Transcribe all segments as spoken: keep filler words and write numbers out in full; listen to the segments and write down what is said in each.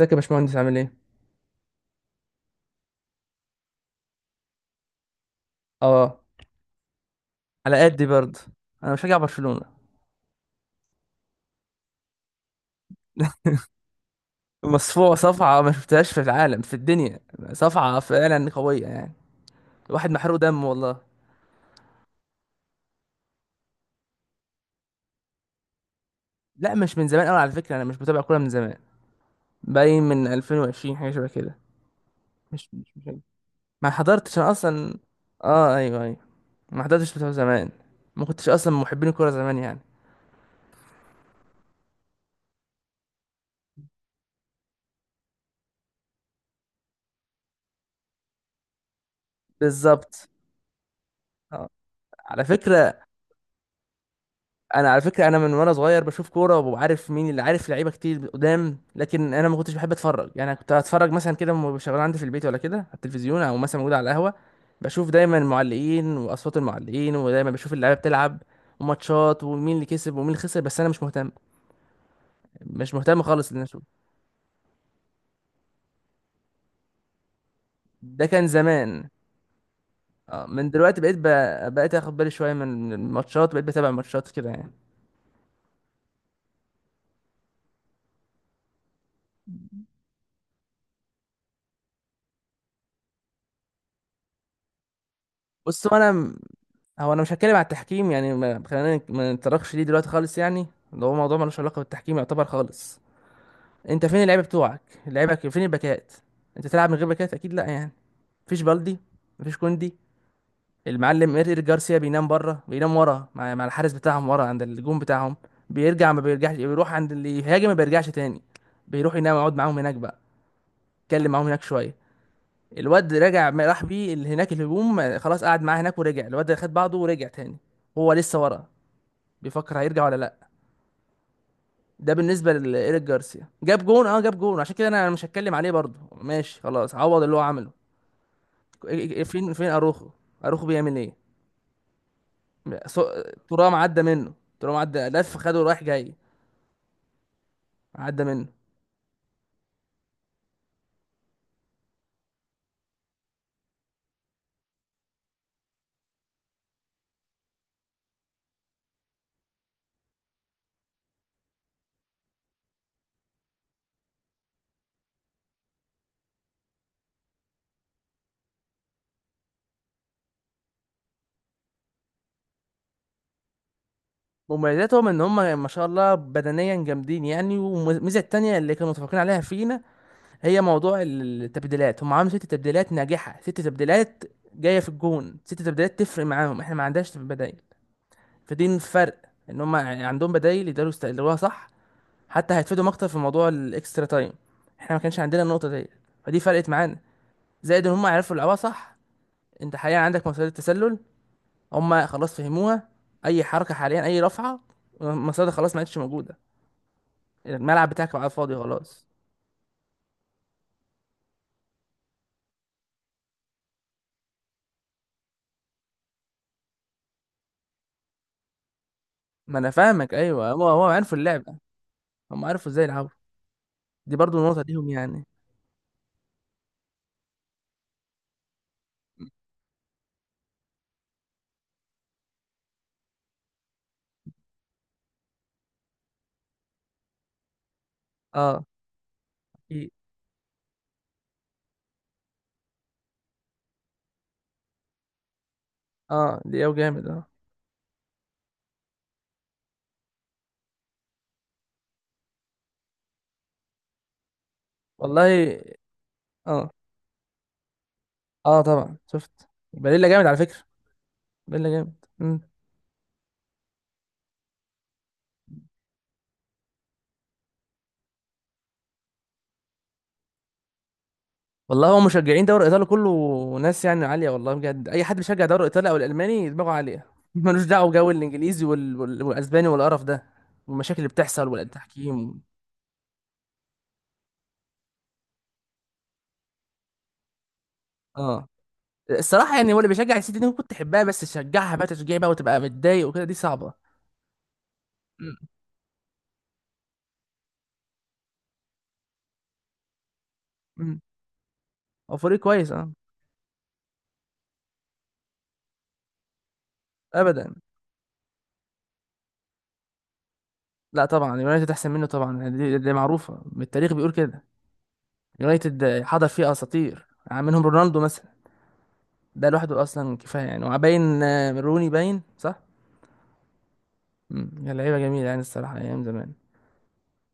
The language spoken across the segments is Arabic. ازيك يا باشمهندس عامل ايه؟ اه، على قدي برضه. انا مشجع برشلونة. مصفوعة صفعة ما شفتهاش في العالم في الدنيا. صفعة فعلا قوية يعني، الواحد محروق دم والله. لا مش من زمان قوي على فكرة، انا مش بتابع كورة من زمان. باين من ألفين وعشرين حاجة شبه كده. مش مش مش ما حضرتش انا اصلا. اه ايوه ايوه، ما حضرتش بتوع زمان. ما كنتش اصلا من محبين الكورة زمان يعني. بالظبط. آه. على فكرة، انا على فكره انا من وانا صغير بشوف كوره وعارف مين اللي عارف لعيبه كتير قدام، لكن انا ما كنتش بحب اتفرج يعني. كنت اتفرج مثلا كده وأنا شغال عندي في البيت، ولا كده على التلفزيون، او مثلا موجود على القهوه. بشوف دايما المعلقين واصوات المعلقين، ودايما بشوف اللعيبه بتلعب وماتشات ومين اللي كسب ومين اللي خسر، بس انا مش مهتم. مش مهتم خالص ان أنا اشوف. ده كان زمان. اه من دلوقتي بقيت ب... بقيت اخد بالي شويه من من الماتشات، بقيت بتابع الماتشات كده يعني. بص انا، هو انا مش هتكلم على التحكيم يعني، ما خلينا ما نتطرقش ليه دلوقتي خالص يعني. اللي هو موضوع ملوش علاقه بالتحكيم يعتبر خالص. انت فين اللعيبه بتوعك؟ اللعيبه ك- فين الباكات؟ انت تلعب من غير باكات؟ اكيد لا يعني. مفيش بالدي، مفيش كوندي. المعلم ايريك جارسيا بينام بره، بينام ورا مع, مع الحارس بتاعهم ورا عند الجون بتاعهم. بيرجع ما بيرجعش، بيروح عند اللي يهاجم، ما بيرجعش تاني. بيروح ينام يقعد معاهم هناك بقى، يتكلم معاهم هناك شويه. الواد رجع ما راح بيه اللي هناك الهجوم، خلاص قعد معاه هناك ورجع الواد خد بعضه ورجع تاني. هو لسه ورا، بيفكر هيرجع ولا لا. ده بالنسبه لايريك جارسيا، جاب جون. اه جاب جون، عشان كده انا مش هتكلم عليه برضه، ماشي خلاص عوض اللي هو عمله. إيه- إيه- إيه، فين فين اروخو؟ اروخو بيعمل ايه؟ سو- ترام عدى منه. ترام عدى لف خده رايح جاي، عدى منه. مميزاتهم ان هم ما شاء الله بدنيا جامدين يعني. والميزه التانيه اللي كانوا متفقين عليها فينا هي موضوع التبديلات. هم عملوا ست تبديلات ناجحه، ست تبديلات جايه في الجون. ست تبديلات تفرق معاهم، احنا ما عندناش بدائل. فدي الفرق، ان هم عندهم بدايل يقدروا يستغلوها صح. حتى هيتفيدوا اكتر في موضوع الاكسترا تايم، احنا ما كانش عندنا النقطه دي. فدي فرقت معانا. زائد ان هم عرفوا يلعبوها صح. انت حاليا عندك مصيدة التسلل، هم خلاص فهموها. اي حركه حاليا، اي رفعه، المصيدة خلاص ما عادش موجوده، الملعب بتاعك بقى فاضي خلاص. ما انا فاهمك، ايوه هو هو عرفوا اللعبه. هم عرفوا ازاي يلعبوا، دي برضو نقطه ليهم يعني. اه اكيد. اه دي او جامد اه. والله. اه، اه طبعا شفت. بليلة جامد على فكره. ده اللي جامد. مم. والله هو مشجعين دوري ايطالي كله ناس يعني عاليه، والله بجد. اي حد بيشجع دوري ايطالي او الالماني دماغه عاليه ملوش دعوه بجو الانجليزي وال... وال... والاسباني والقرف ده والمشاكل اللي بتحصل والتحكيم. اه. الصراحه يعني، هو اللي بيشجع السيتي دي كنت تحبها، بس تشجعها بقى تشجيع بقى وتبقى متضايق وكده، دي صعبه. مم. مم. هو فريق كويس اه. ابدا. لا طبعا يونايتد احسن منه طبعا يعني، دي, دي معروفه، التاريخ بيقول كده. يونايتد حضر فيه اساطير، منهم رونالدو مثلا. ده لوحده اصلا كفايه يعني. وباين آه، روني باين صح. مم. يا لعيبه جميله يعني، الصراحه ايام زمان.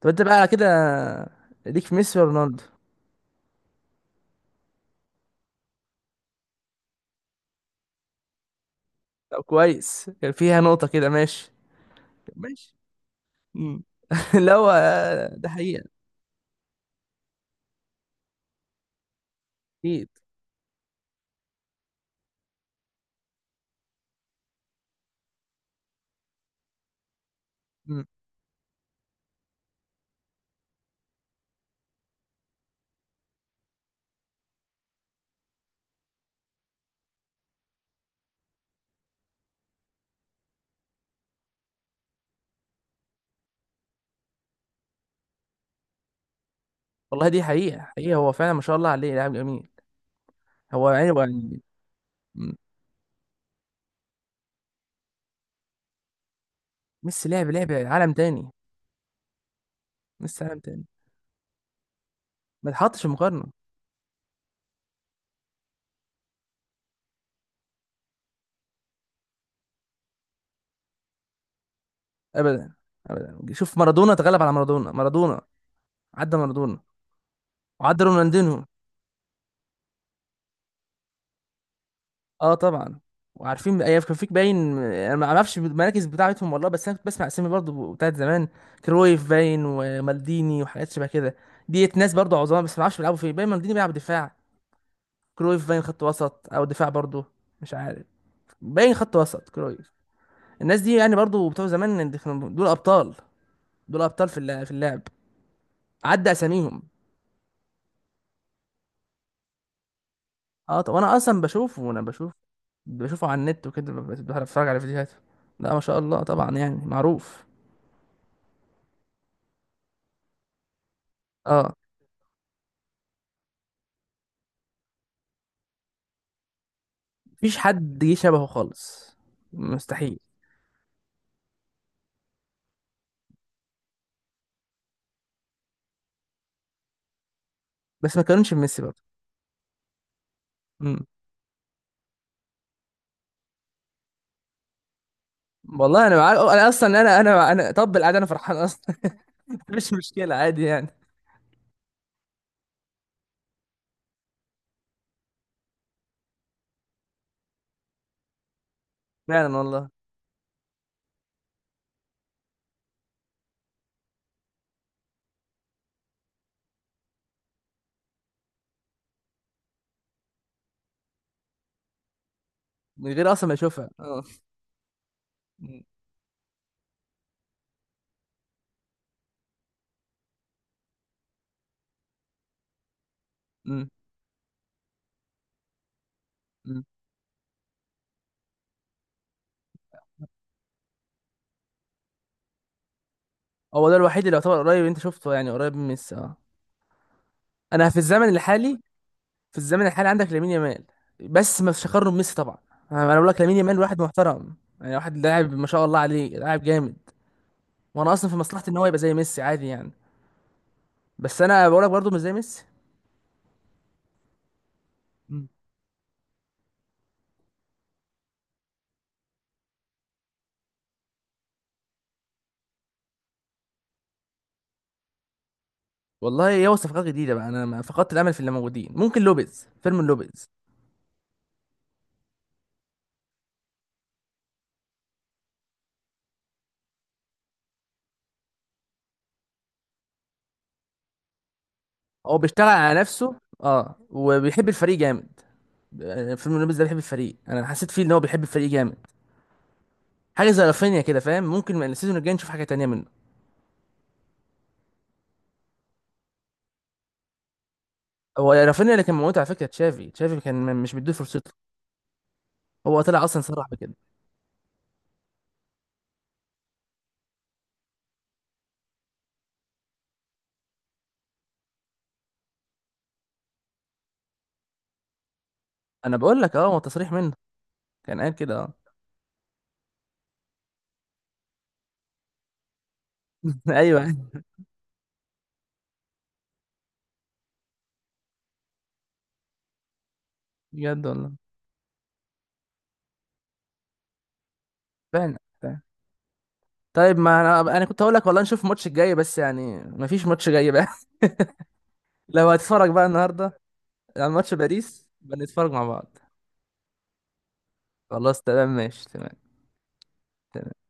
طب انت بقى كده، ليك في ميسي ورونالدو؟ طب كويس، كان فيها نقطه كده، ماشي. ماشي. مم. لا هو آه، ده حقيقه. اكيد. مم. والله دي حقيقه حقيقه، هو فعلا ما شاء الله عليه لاعب جميل. هو يعني، هو يعني. مم. ميسي لعب لعب عالم تاني. ميسي عالم تاني، ما تحطش في مقارنه. ابدا. ابدا. شوف مارادونا، تغلب على مارادونا. مارادونا، عدى مارادونا، وعدى رونالدينو. اه طبعا. وعارفين ايام كان فيك باين، انا ما اعرفش المراكز بتاعتهم والله، بس انا كنت بسمع اسامي برضو بتاعت زمان. كرويف باين ومالديني وحاجات شبه كده. ديت ناس برضو عظام، بس ما اعرفش بيلعبوا فين. باين مالديني بيلعب دفاع، كرويف باين خط وسط او دفاع برضو، مش عارف. باين خط وسط كرويف. الناس دي يعني برضو بتوع زمان دي كانوا، دول ابطال. دول ابطال في اللع- في اللعب، عدى اساميهم. اه طب انا اصلا بشوفه وانا بشوف، بشوفه على النت وكده، ب- ب- بتفرج على فيديوهاته. لا ما شاء الله طبعا يعني، معروف. اه. مفيش حد جه شبهه خالص، مستحيل. بس ما كانوش ميسي برضه. امم. والله انا معاك، انا اصلا انا انا انا طب العادي انا فرحان اصلا. مش مشكله عادي يعني. فعلا والله. من غير اصلا ما اشوفها اه. أمم، أمم، أمم. هو ده الوحيد اللي يعتبر قريب انت شفته يعني، قريب من ميسي اه. انا في الزمن الحالي، في الزمن الحالي عندك لامين يامال، بس ما فيش اقارنه بميسي طبعا. انا أنا بقول لك لامين يامال واحد محترم يعني، واحد لاعب ما شاء الله عليه، لاعب جامد. وانا اصلا في مصلحتي ان هو يبقى زي ميسي عادي يعني. بس انا بقول لك برضه مش زي ميسي. والله يا هو، صفقات جديده بقى، انا ما- فقدت الامل في اللي موجودين. ممكن لوبيز، فيرمين لوبيز. هو بيشتغل على نفسه اه، وبيحب الفريق جامد. آه، فيرمين لوبيز ده بيحب الفريق، انا حسيت فيه ان هو بيحب الفريق جامد. حاجه زي رافينيا كده فاهم. ممكن من السيزون الجاي نشوف حاجه تانية منه. هو رافينيا اللي كان موجود على فكره، تشافي، تشافي كان م- مش مديه فرصته. هو طلع اصلا صرح بكده. انا بقول لك، اه هو تصريح منه، كان قال كده اه. ايوه. بجد والله. فعلا فعلا. طيب، ما انا انا كنت هقول لك والله نشوف الماتش الجاي، بس يعني ما فيش ماتش جاي بقى. لو هتتفرج بقى النهارده على ماتش باريس، بنتفرج مع بعض. خلاص تمام ماشي، تمام. تمام.